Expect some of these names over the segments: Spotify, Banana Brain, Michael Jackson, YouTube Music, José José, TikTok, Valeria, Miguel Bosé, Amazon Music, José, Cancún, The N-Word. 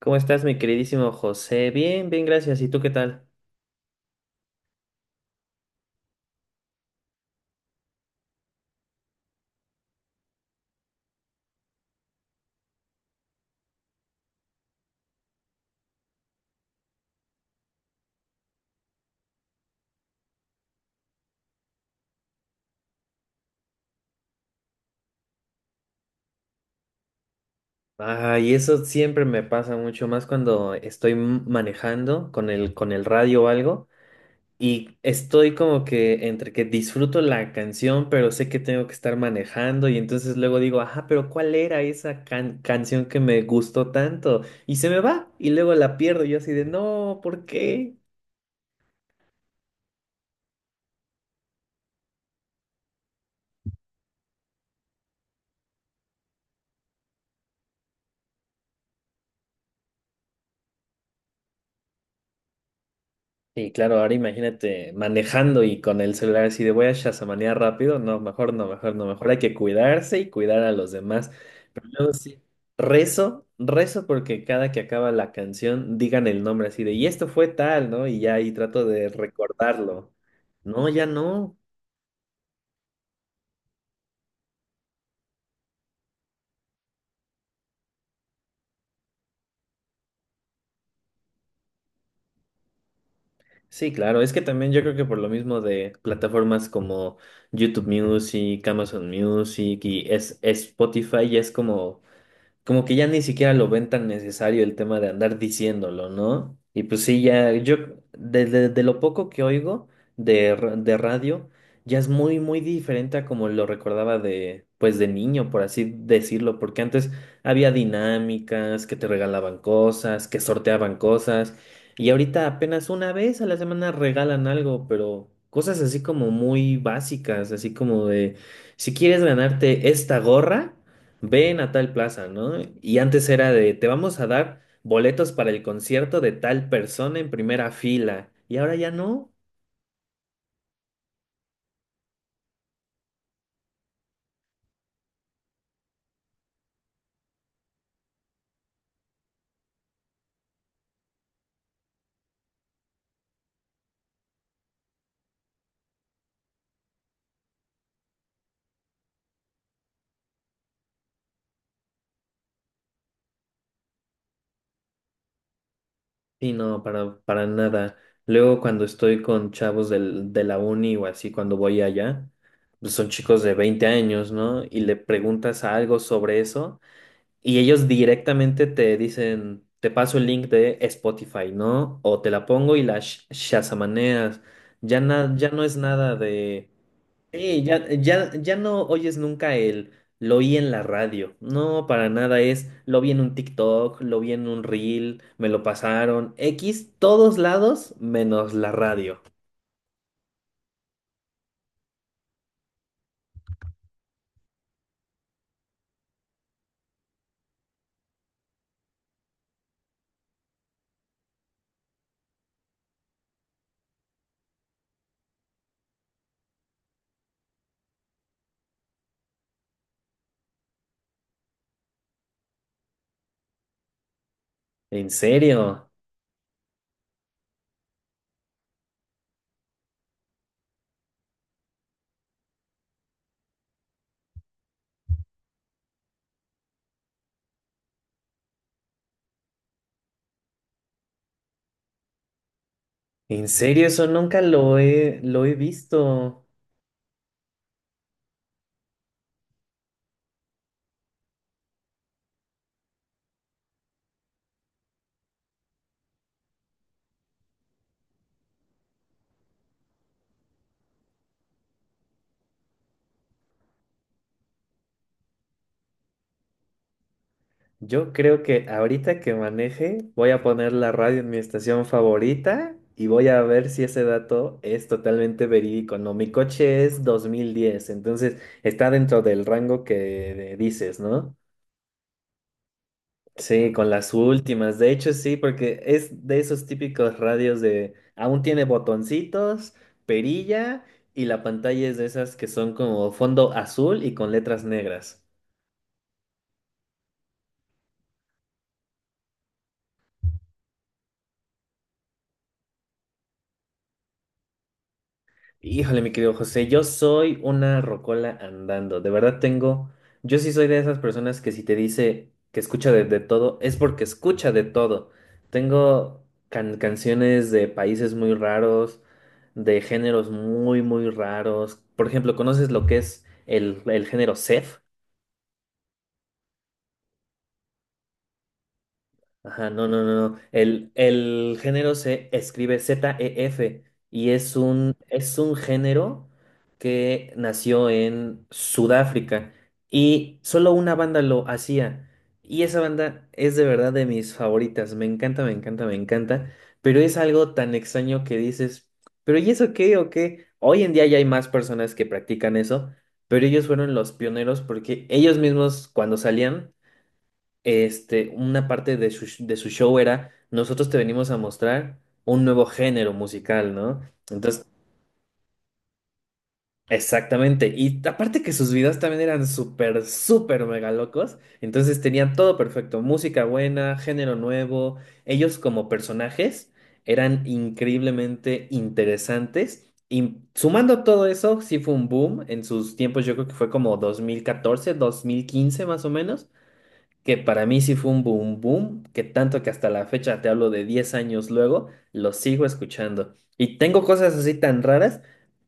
¿Cómo estás, mi queridísimo José? Bien, bien, gracias. ¿Y tú qué tal? Ay, eso siempre me pasa mucho más cuando estoy manejando con con el radio o algo y estoy como que entre que disfruto la canción, pero sé que tengo que estar manejando y entonces luego digo, ajá, pero ¿cuál era esa canción que me gustó tanto? Y se me va y luego la pierdo y yo así de, no, ¿por qué? Sí, claro, ahora imagínate manejando y con el celular así de voy a shazamanear rápido. No, mejor no, mejor no, mejor hay que cuidarse y cuidar a los demás. Pero luego sí, rezo, rezo porque cada que acaba la canción digan el nombre así de y esto fue tal, ¿no? Y ya ahí trato de recordarlo. No, ya no. Sí, claro, es que también yo creo que por lo mismo de plataformas como YouTube Music, Amazon Music es Spotify, ya es como. Como que ya ni siquiera lo ven tan necesario el tema de andar diciéndolo, ¿no? Y pues sí, ya yo, de lo poco que oigo de, de radio, ya es muy, muy diferente a como lo recordaba de, pues de niño, por así decirlo, porque antes había dinámicas, que te regalaban cosas, que sorteaban cosas, y ahorita apenas una vez a la semana regalan algo, pero cosas así como muy básicas, así como de, si quieres ganarte esta gorra, ven a tal plaza, ¿no? Y antes era de, te vamos a dar boletos para el concierto de tal persona en primera fila. Y ahora ya no. Y no, para nada. Luego cuando estoy con chavos de la uni o así, cuando voy allá, pues son chicos de 20 años, ¿no? Y le preguntas algo sobre eso y ellos directamente te dicen, te paso el link de Spotify, ¿no? O te la pongo y la shazamaneas. Ya, ya no es nada de... Sí, ya, ya, ya no oyes nunca el lo oí en la radio. No, para nada es lo vi en un TikTok, lo vi en un reel, me lo pasaron. X, todos lados menos la radio. ¿En serio? ¿En serio? Eso nunca lo he visto. Yo creo que ahorita que maneje, voy a poner la radio en mi estación favorita y voy a ver si ese dato es totalmente verídico. No, mi coche es 2010, entonces está dentro del rango que dices, ¿no? Sí, con las últimas. De hecho, sí, porque es de esos típicos radios de aún tiene botoncitos, perilla y la pantalla es de esas que son como fondo azul y con letras negras. Híjole, mi querido José, yo soy una rocola andando. De verdad tengo, yo sí soy de esas personas que si te dice que escucha de todo, es porque escucha de todo. Tengo canciones de países muy raros, de géneros muy, muy raros. Por ejemplo, ¿conoces lo que es el género Seth? Ajá, no, no, no, no. El género se escribe Z-E-F y es es un género que nació en Sudáfrica y solo una banda lo hacía. Y esa banda es de verdad de mis favoritas. Me encanta, me encanta, me encanta. Pero es algo tan extraño que dices, ¿pero y eso qué o qué? Hoy en día ya hay más personas que practican eso, pero ellos fueron los pioneros porque ellos mismos cuando salían este, una parte de su show era, nosotros te venimos a mostrar un nuevo género musical, ¿no? Entonces, exactamente. Y aparte que sus videos también eran súper, súper mega locos. Entonces tenían todo perfecto, música buena, género nuevo. Ellos como personajes eran increíblemente interesantes. Y sumando todo eso, sí fue un boom en sus tiempos, yo creo que fue como 2014, 2015 más o menos, que para mí sí fue un boom boom, que tanto que hasta la fecha, te hablo de 10 años luego, lo sigo escuchando. Y tengo cosas así tan raras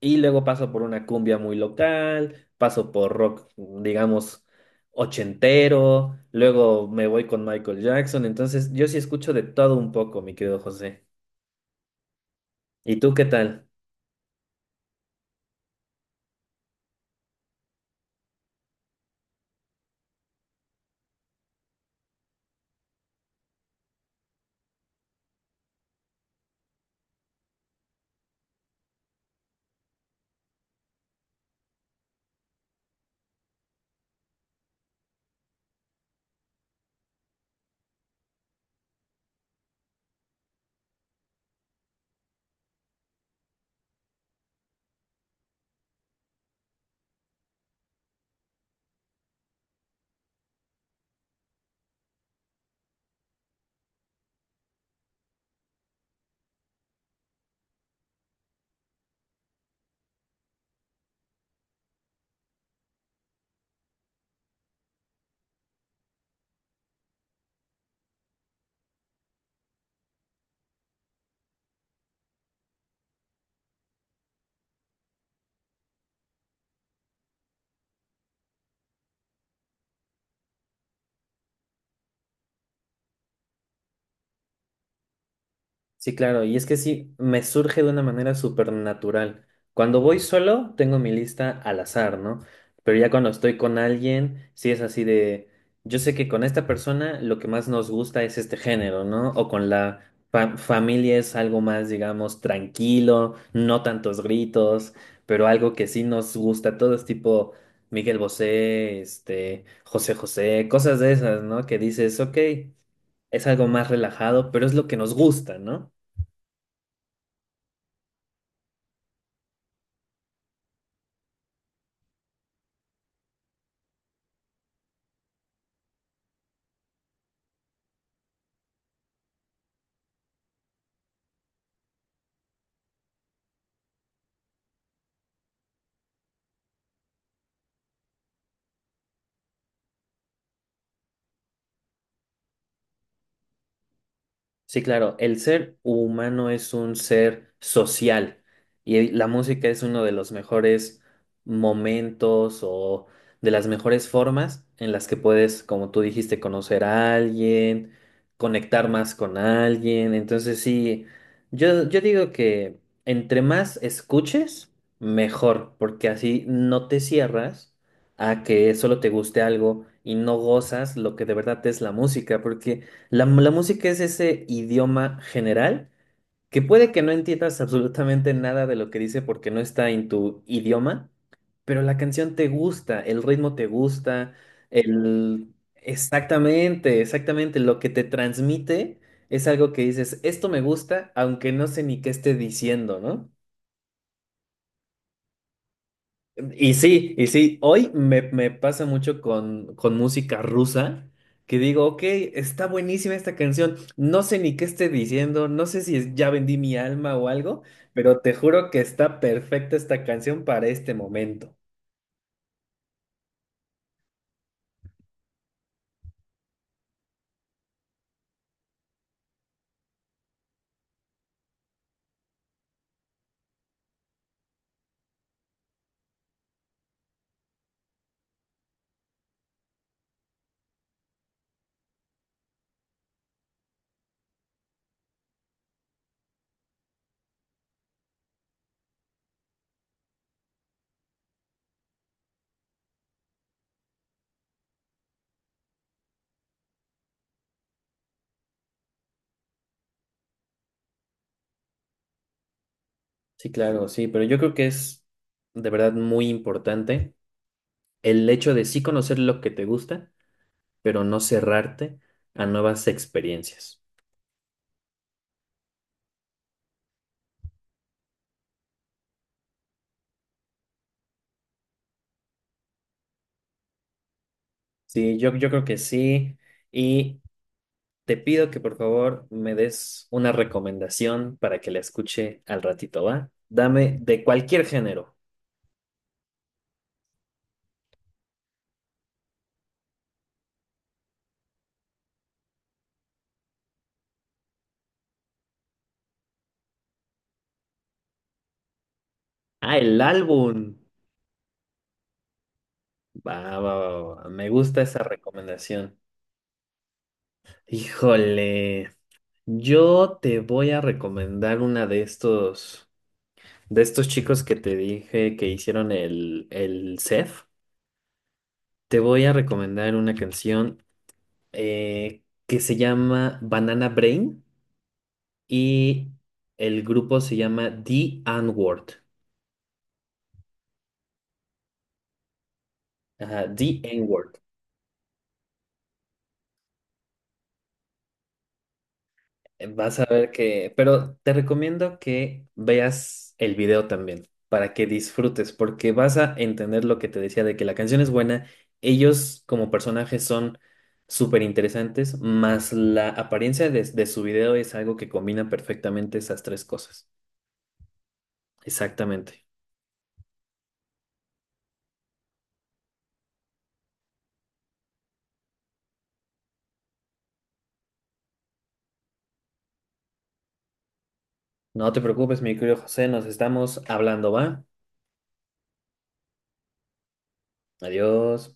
y luego paso por una cumbia muy local, paso por rock, digamos, ochentero, luego me voy con Michael Jackson, entonces yo sí escucho de todo un poco, mi querido José. ¿Y tú qué tal? Sí, claro, y es que sí, me surge de una manera súper natural. Cuando voy solo, tengo mi lista al azar, ¿no? Pero ya cuando estoy con alguien, sí es así de, yo sé que con esta persona lo que más nos gusta es este género, ¿no? O con la familia es algo más, digamos, tranquilo, no tantos gritos, pero algo que sí nos gusta, todo es tipo Miguel Bosé, este, José José, cosas de esas, ¿no? Que dices, ok, es algo más relajado, pero es lo que nos gusta, ¿no? Sí, claro, el ser humano es un ser social y la música es uno de los mejores momentos o de las mejores formas en las que puedes, como tú dijiste, conocer a alguien, conectar más con alguien. Entonces, sí, yo digo que entre más escuches, mejor, porque así no te cierras a que solo te guste algo y no gozas lo que de verdad es la música, porque... La música es ese idioma general que puede que no entiendas absolutamente nada de lo que dice porque no está en tu idioma, pero la canción te gusta, el ritmo te gusta, el... Exactamente, exactamente, lo que te transmite es algo que dices, esto me gusta, aunque no sé ni qué esté diciendo, ¿no? Y sí, hoy me, me pasa mucho con música rusa, que digo, ok, está buenísima esta canción, no sé ni qué esté diciendo, no sé si es ya vendí mi alma o algo, pero te juro que está perfecta esta canción para este momento. Sí, claro, sí, pero yo creo que es de verdad muy importante el hecho de sí conocer lo que te gusta, pero no cerrarte a nuevas experiencias. Sí, yo creo que sí. Te pido que por favor me des una recomendación para que la escuche al ratito, ¿va? Dame de cualquier género. Ah, el álbum. Va, va, va, va. Me gusta esa recomendación. Híjole, yo te voy a recomendar una de estos chicos que te dije que hicieron el CEF. Te voy a recomendar una canción que se llama Banana Brain. Y el grupo se llama The N-Word. Ajá, The N-Word. Vas a ver que, pero te recomiendo que veas el video también para que disfrutes, porque vas a entender lo que te decía de que la canción es buena. Ellos como personajes son súper interesantes, más la apariencia de su video es algo que combina perfectamente esas tres cosas. Exactamente. No te preocupes, mi querido José, nos estamos hablando, ¿va? Adiós.